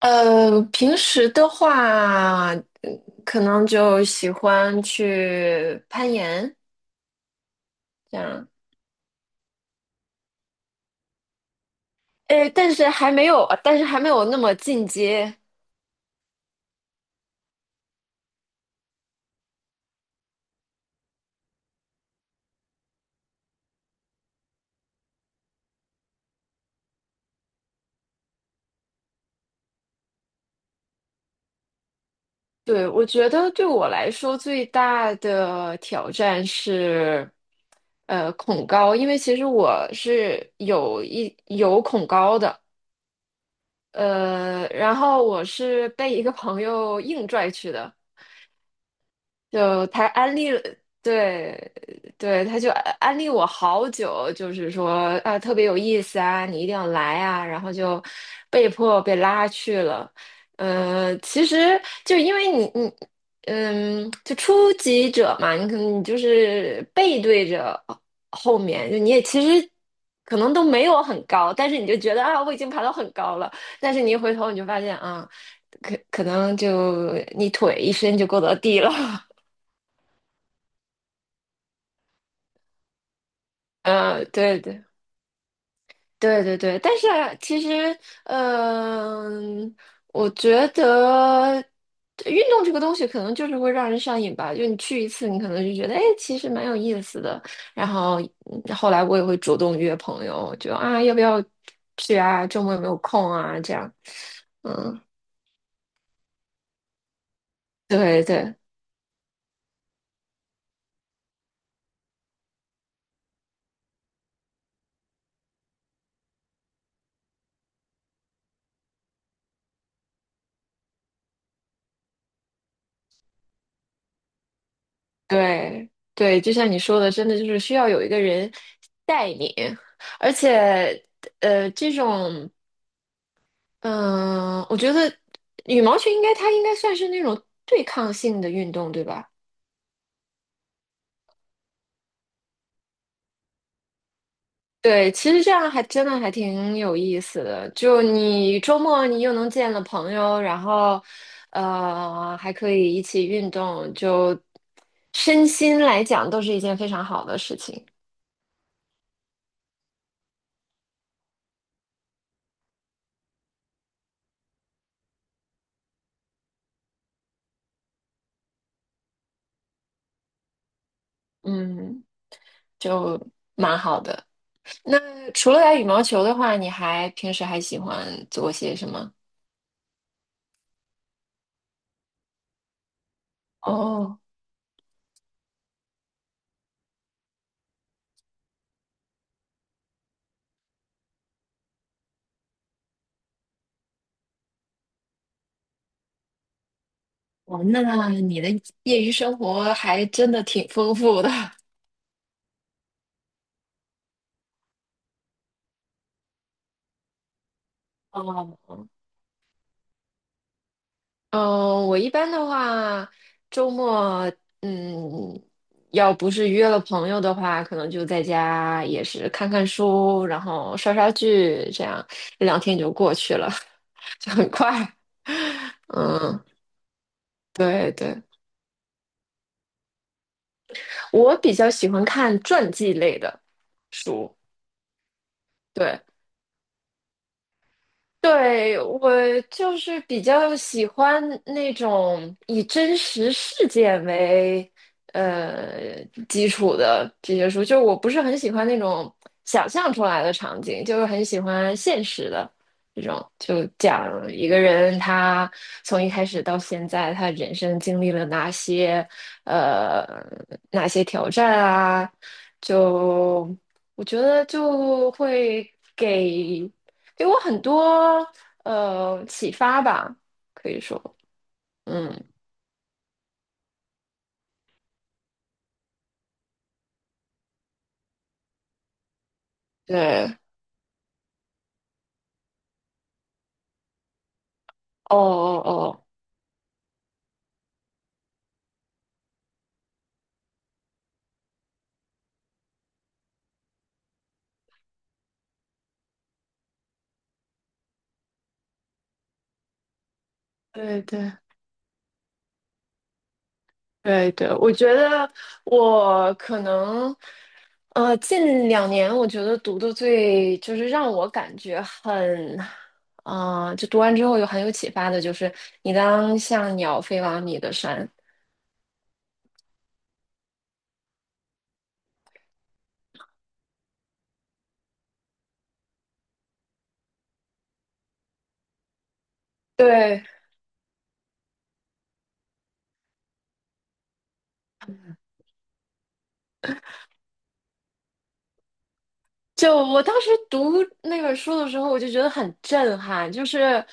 平时的话，可能就喜欢去攀岩这样。哎，但是还没有那么进阶。对，我觉得对我来说最大的挑战是，恐高，因为其实我是有恐高的。然后我是被一个朋友硬拽去的。就他安利了，对对，他就安利我好久，就是说啊，特别有意思啊，你一定要来啊，然后就被迫被拉去了。其实就因为你就初级者嘛，你可能你就是背对着后面，就你也其实可能都没有很高，但是你就觉得啊，我已经爬到很高了，但是你一回头你就发现啊，可能就你腿一伸就够到地了。对对对对对，但是啊其实，嗯、我觉得运动这个东西可能就是会让人上瘾吧。就你去一次，你可能就觉得，哎，其实蛮有意思的。然后后来我也会主动约朋友，就啊，要不要去啊？周末有没有空啊？这样。嗯，对对对对，就像你说的，真的就是需要有一个人带你。而且，这种嗯，我觉得羽毛球它应该算是那种对抗性的运动，对吧？对，其实这样还真的还挺有意思的。就你周末你又能见了朋友，然后还可以一起运动，就身心来讲都是一件非常好的事情。嗯，就蛮好的。那除了打羽毛球的话，你还平时还喜欢做些什么？哦哦，那你的业余生活还真的挺丰富的。哦，嗯，我一般的话，周末，嗯，要不是约了朋友的话，可能就在家也是看看书，然后刷刷剧，这样一两天就过去了，就很快。嗯，对对，我比较喜欢看传记类的书，对。对，我就是比较喜欢那种以真实事件为基础的这些书，就是我不是很喜欢那种想象出来的场景，就是很喜欢现实的这种，就讲一个人他从一开始到现在，他人生经历了呃哪些挑战啊，就我觉得就会给。给我很多启发吧，可以说。嗯，对，哦哦哦，对对对对，我觉得我可能近两年，我觉得读的最就是让我感觉很。啊、就读完之后有很有启发的，就是你当像鸟飞往你的山。对，就我当时读那本书的时候，我就觉得很震撼，就是。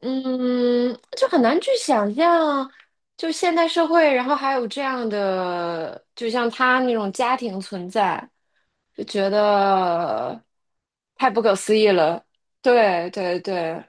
嗯，就很难去想象，就现代社会，然后还有这样的，就像他那种家庭存在，就觉得太不可思议了。对对对，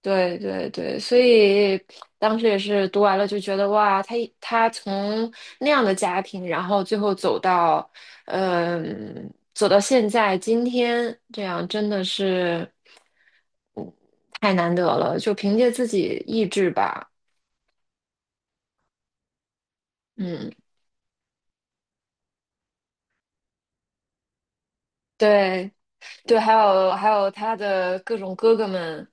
对对对，所以当时也是读完了就觉得哇，他从那样的家庭，然后最后走到，走到现在今天这样，真的是，嗯，太难得了，就凭借自己意志吧。嗯，对对，还有他的各种哥哥们。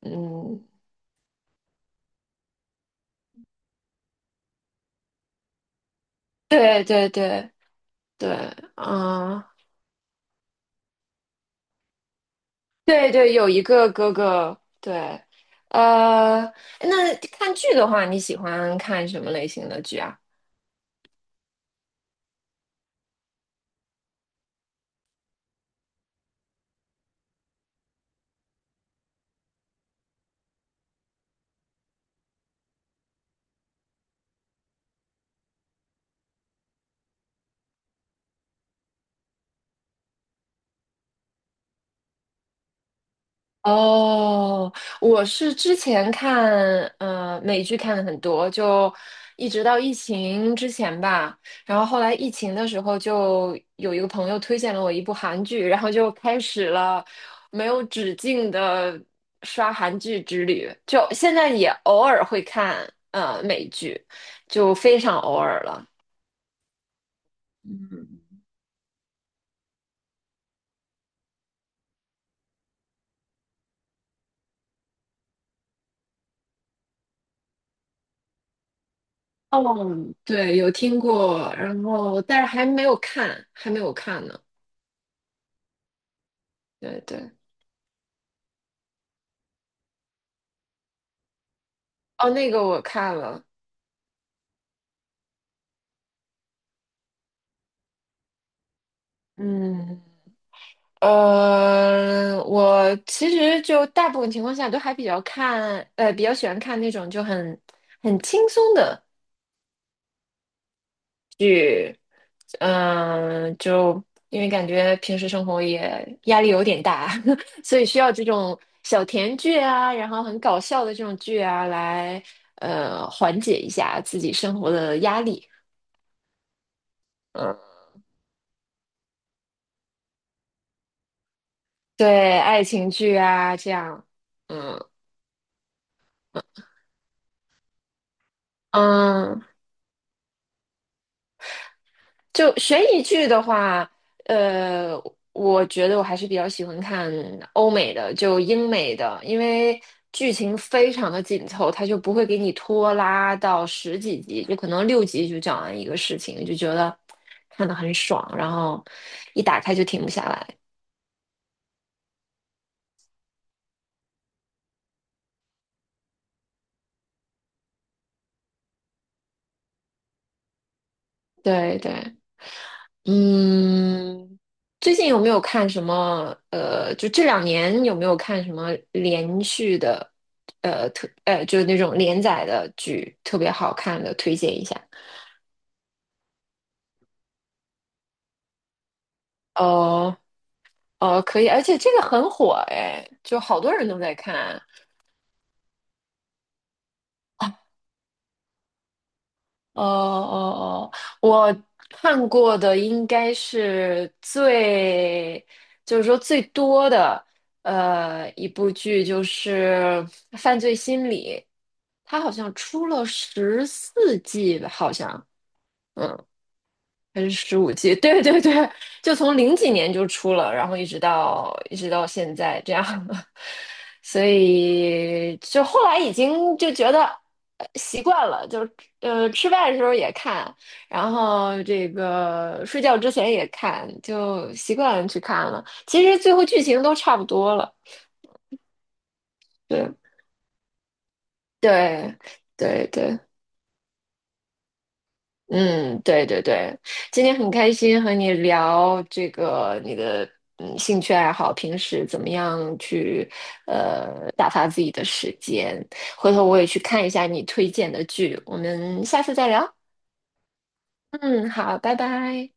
嗯，对对对对，啊。对对，有一个哥哥，对。呃，那看剧的话，你喜欢看什么类型的剧啊？哦，我是之前看美剧看的很多，就一直到疫情之前吧。然后后来疫情的时候，就有一个朋友推荐了我一部韩剧，然后就开始了没有止境的刷韩剧之旅。就现在也偶尔会看美剧，就非常偶尔了。哦，对，有听过，然后但是还没有看呢。对对，哦，那个我看了。嗯，我其实就大部分情况下都还比较看，比较喜欢看那种就很轻松的，嗯、就因为感觉平时生活也压力有点大，所以需要这种小甜剧啊，然后很搞笑的这种剧啊来。缓解一下自己生活的压力。嗯，对，爱情剧啊，这样。嗯嗯，就悬疑剧的话，呃，我觉得我还是比较喜欢看欧美的，就英美的，因为剧情非常的紧凑，它就不会给你拖拉到十几集，就可能六集就讲完一个事情，就觉得看得很爽，然后一打开就停不下来。对对，嗯，最近有没有看什么？就这两年有没有看什么连续的，就是那种连载的剧，特别好看的，推荐一下。哦哦，可以，而且这个很火哎，就好多人都在看。哦哦哦，我看过的应该是最，就是说最多的，一部剧就是《犯罪心理》，它好像出了14季吧，好像。嗯还是15季？对对对，就从零几年就出了，然后一直到现在这样。所以就后来已经就觉得习惯了，就吃饭的时候也看，然后这个睡觉之前也看，就习惯去看了。其实最后剧情都差不多了，对对对对。嗯，对对对，今天很开心和你聊这个你的兴趣爱好，平时怎么样去打发自己的时间。回头我也去看一下你推荐的剧，我们下次再聊。嗯，好，拜拜。